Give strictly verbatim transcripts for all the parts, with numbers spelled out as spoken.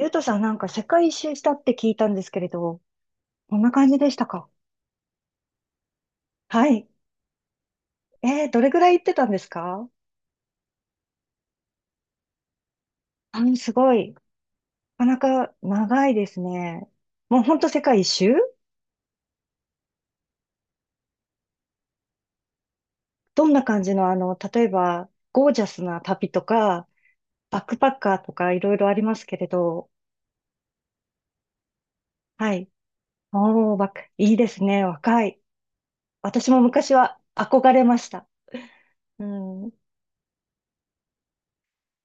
ゆうとさんなんか世界一周したって聞いたんですけれど、こんな感じでしたか？はい。えー、どれぐらい行ってたんですか？あの、すごい。なかなか長いですね。もうほんと世界一周。どんな感じの、あの、例えば、ゴージャスな旅とか、バックパッカーとかいろいろありますけれど、はい。おー、バック、いいですね。若い。私も昔は憧れました。うん。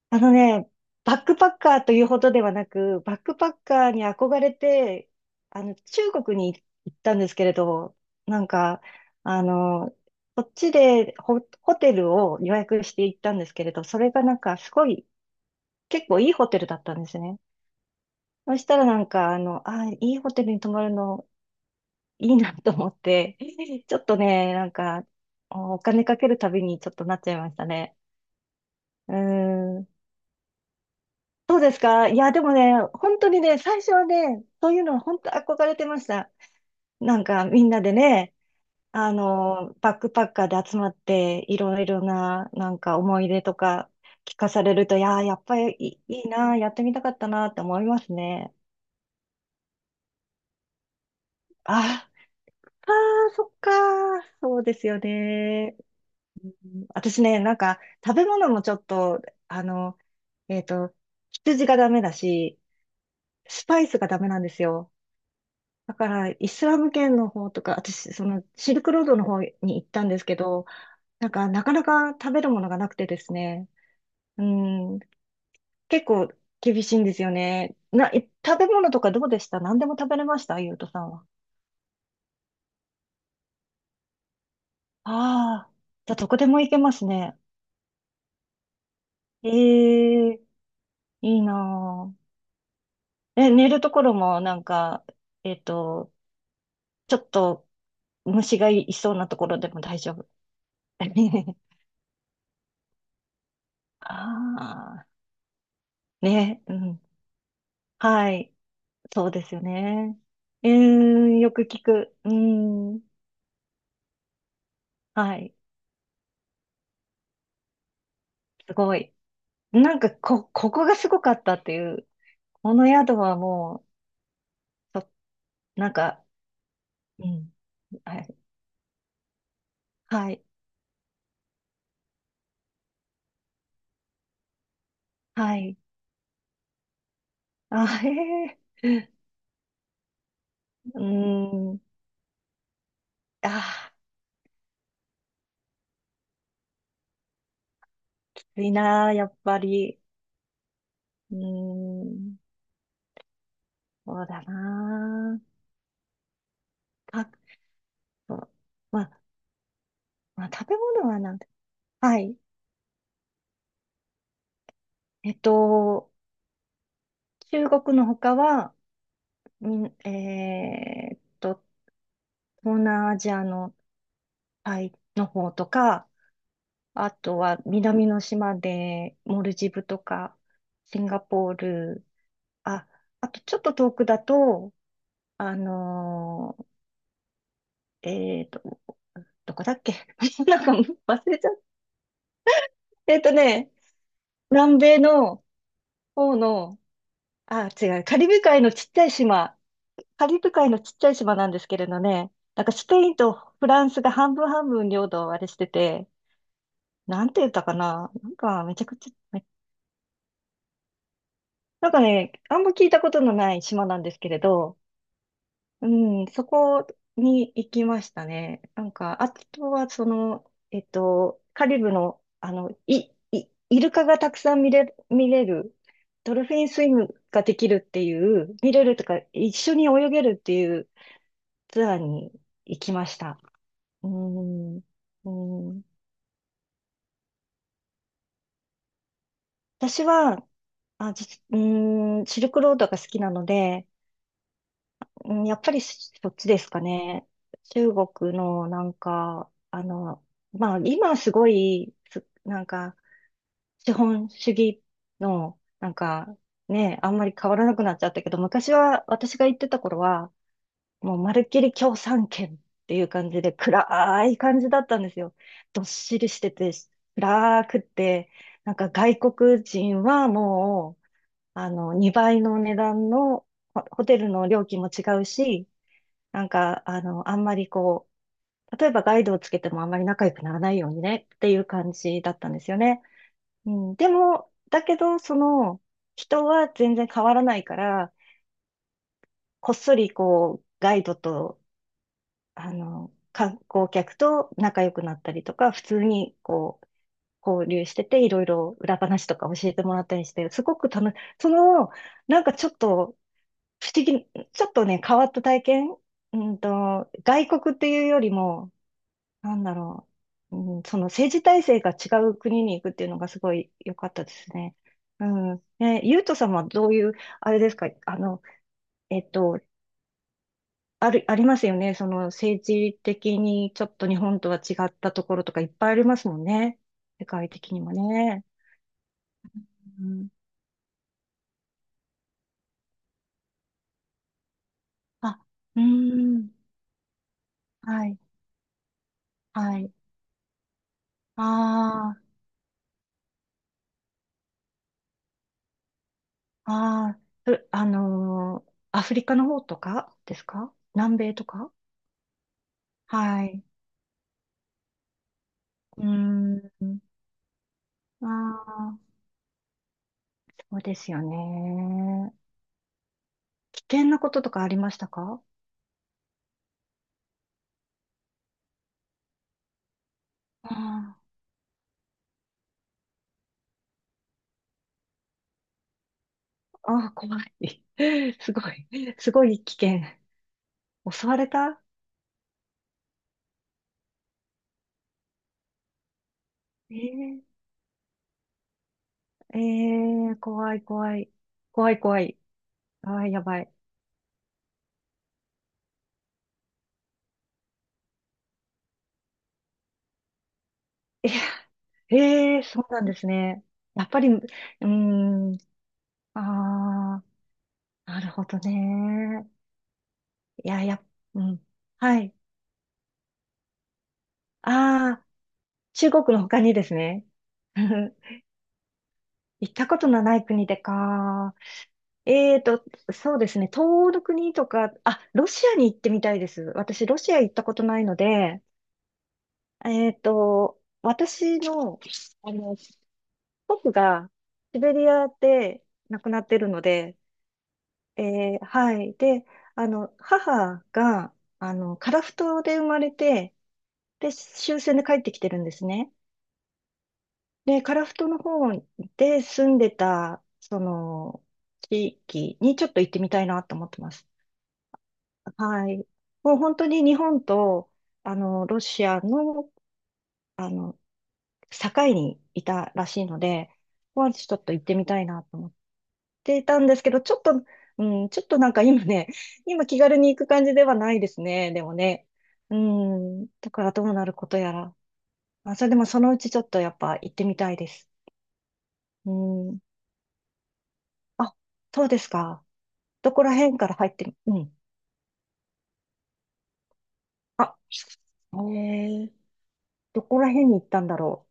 あのね、バックパッカーというほどではなく、バックパッカーに憧れて、あの、中国に行ったんですけれど、なんか、あの、こっちでホ、ホテルを予約して行ったんですけれど、それがなんかすごい、結構いいホテルだったんですね。そしたらなんか、あの、あ、いいホテルに泊まるの、いいなと思って、ちょっとね、なんか、お金かけるたびにちょっとなっちゃいましたね。うーん。そうですか。いや、でもね、本当にね、最初はね、そういうのは本当憧れてました。なんかみんなでね、あの、バックパッカーで集まって、いろいろな、なんか思い出とか聞かされると、いやー、やっぱりいい、いいな、やってみたかったなって思いますね。あ、あー、そっかー、そうですよね。うん。私ね、なんか食べ物もちょっと、あの、えっと、羊がダメだし、スパイスがダメなんですよ。だから、イスラム圏の方とか、私、その、シルクロードの方に行ったんですけど、なんか、なかなか食べるものがなくてですね、うん、結構厳しいんですよね。な、え食べ物とかどうでした？何でも食べれました？ゆうとさんは？ああ、じゃあどこでも行けますね。ええ、いいなぁ。え、寝るところもなんか、えっと、ちょっと虫がいそうなところでも大丈夫？ああ、ね、うん。はい。そうですよね。うーん、よく聞く。うーん、はい、すごい。なんか、こ、ここがすごかったっていう、この宿はもう、ちょなんか、うん、はい、はい、はい。あ、へえ、うーん、あー、きついなー、やっぱり。うーん、そうだなー。か、そう、まあ、まあ、食べ物はなんだ。はい。えっと、中国の他は、みん、えーっと、東南アジアのタイの方とか、あとは南の島でモルジブとか、シンガポール、あ、あとちょっと遠くだと、あのーえっと、どこだっけ。 なんか忘れちゃった。えっとね、南米の方の、あ、違う、カリブ海のちっちゃい島、カリブ海のちっちゃい島なんですけれどね、なんかスペインとフランスが半分半分領土をあれしてて、なんて言ったかな。なんかめちゃくちゃ、めなんかね、あんま聞いたことのない島なんですけれど、うん、そこに行きましたね。なんか、あとはその、えっと、カリブの、あの、い、い、イルカがたくさん見れ、見れる、ドルフィンスイムができるっていう、見れるとか、一緒に泳げるっていうツアーに行きました。うん、うん、私は、あ、じうん、シルクロードが好きなので、うん、やっぱりそっちですかね。中国のなんか、あの、まあ今すごい、すなんか資本主義のなんかね、あんまり変わらなくなっちゃったけど、昔は私が行ってた頃は、もうまるっきり共産圏っていう感じで暗い感じだったんですよ。どっしりしてて、暗くって、なんか外国人はもう、あの、にばいの値段のホホテルの料金も違うし、なんか、あの、あんまりこう、例えばガイドをつけてもあんまり仲良くならないようにねっていう感じだったんですよね。うん、でも、だけど、その、人は全然変わらないから、こっそりこう、ガイドと、あの、観光客と仲良くなったりとか、普通にこう、交流してて、いろいろ裏話とか教えてもらったりして、すごく楽し、その、なんかちょっと不思議、ちょっとね、変わった体験、うんと、外国っていうよりも、なんだろう。うん、その政治体制が違う国に行くっていうのがすごい良かったですね。うん。ね、ゆうとさんはどういう、あれですか、あの、えっと、ある、ありますよね。その政治的にちょっと日本とは違ったところとかいっぱいありますもんね。世界的にもね。うん。あ、うん。はい。はい。ああ、ああ、うあのーアフリカの方とかですか？南米とか？はい。うーん。ああ、そうですよね。危険なこととかありましたか？ああ、ああ、怖い。すごい。すごい危険。襲われた？えー、えー、怖い、怖い。怖い、怖い。ああ、やばい。えーえー、そうなんですね。やっぱり、うーん、ああ、なるほどね。いや、やっ、うん。はい。ああ、中国の他にですね。行ったことのない国でか。えーと、そうですね。東欧の国とか、あ、ロシアに行ってみたいです。私、ロシア行ったことないので、えーと、私の、あの、僕がシベリアで亡くなってるので、えーはい。で、あの、母が、あの、樺太で生まれて、で、終戦で帰ってきてるんですね。で、樺太の方で住んでた、その、地域にちょっと行ってみたいなと思ってます。はい。もう本当に日本と、あの、ロシアの、あの、境にいたらしいので、まあ、ちょっと行ってみたいなと思っていたんですけど、ちょっと、うん、ちょっとなんか今ね、今気軽に行く感じではないですね、でもね。うん、だからどうなることやら。あ、それでもそのうちちょっとやっぱ行ってみたいです。うん。あ、そうですか。どこら辺から入ってみ、うん。あ、えー、どこら辺に行ったんだろ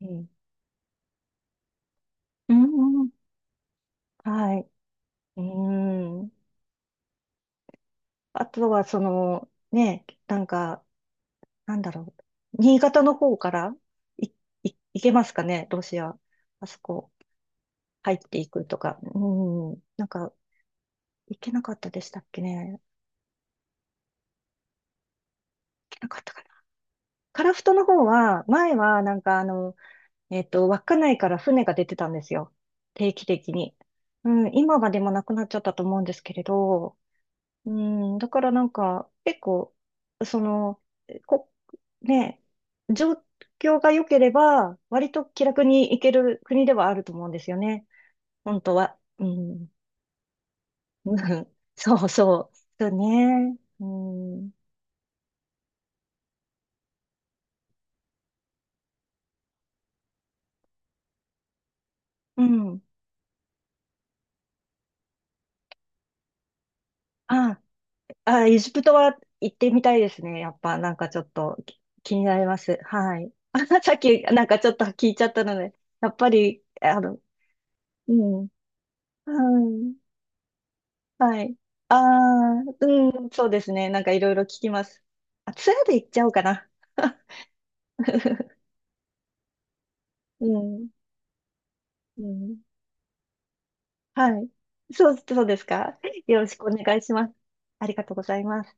う。うん。うん。はい。うーん。あとは、その、ね、なんか、なんだろう。新潟の方からい、い、行けますかね、ロシア。あそこ、入っていくとか。うーん。なんか、行けなかったでしたっけね。行けなかったかな。樺太の方は、前は、なんか、あの、えっと、稚内から船が出てたんですよ。定期的に。うん、今はでもなくなっちゃったと思うんですけれど、うん、だからなんか、結構、その、こ、ね、状況が良ければ、割と気楽に行ける国ではあると思うんですよね。本当は。うん。うん。そうそう。そうね。うん。うん。あ、あ、エジプトは行ってみたいですね。やっぱ、なんかちょっとき気になります。はい。あ、さっき、なんかちょっと聞いちゃったので、やっぱり、あの、うん。はいはい。ああ、うん、そうですね。なんかいろいろ聞きます。あ、ツアーで行っちゃおうかな。うん、うん。はい。そう、そうですか。よろしくお願いします。ありがとうございます。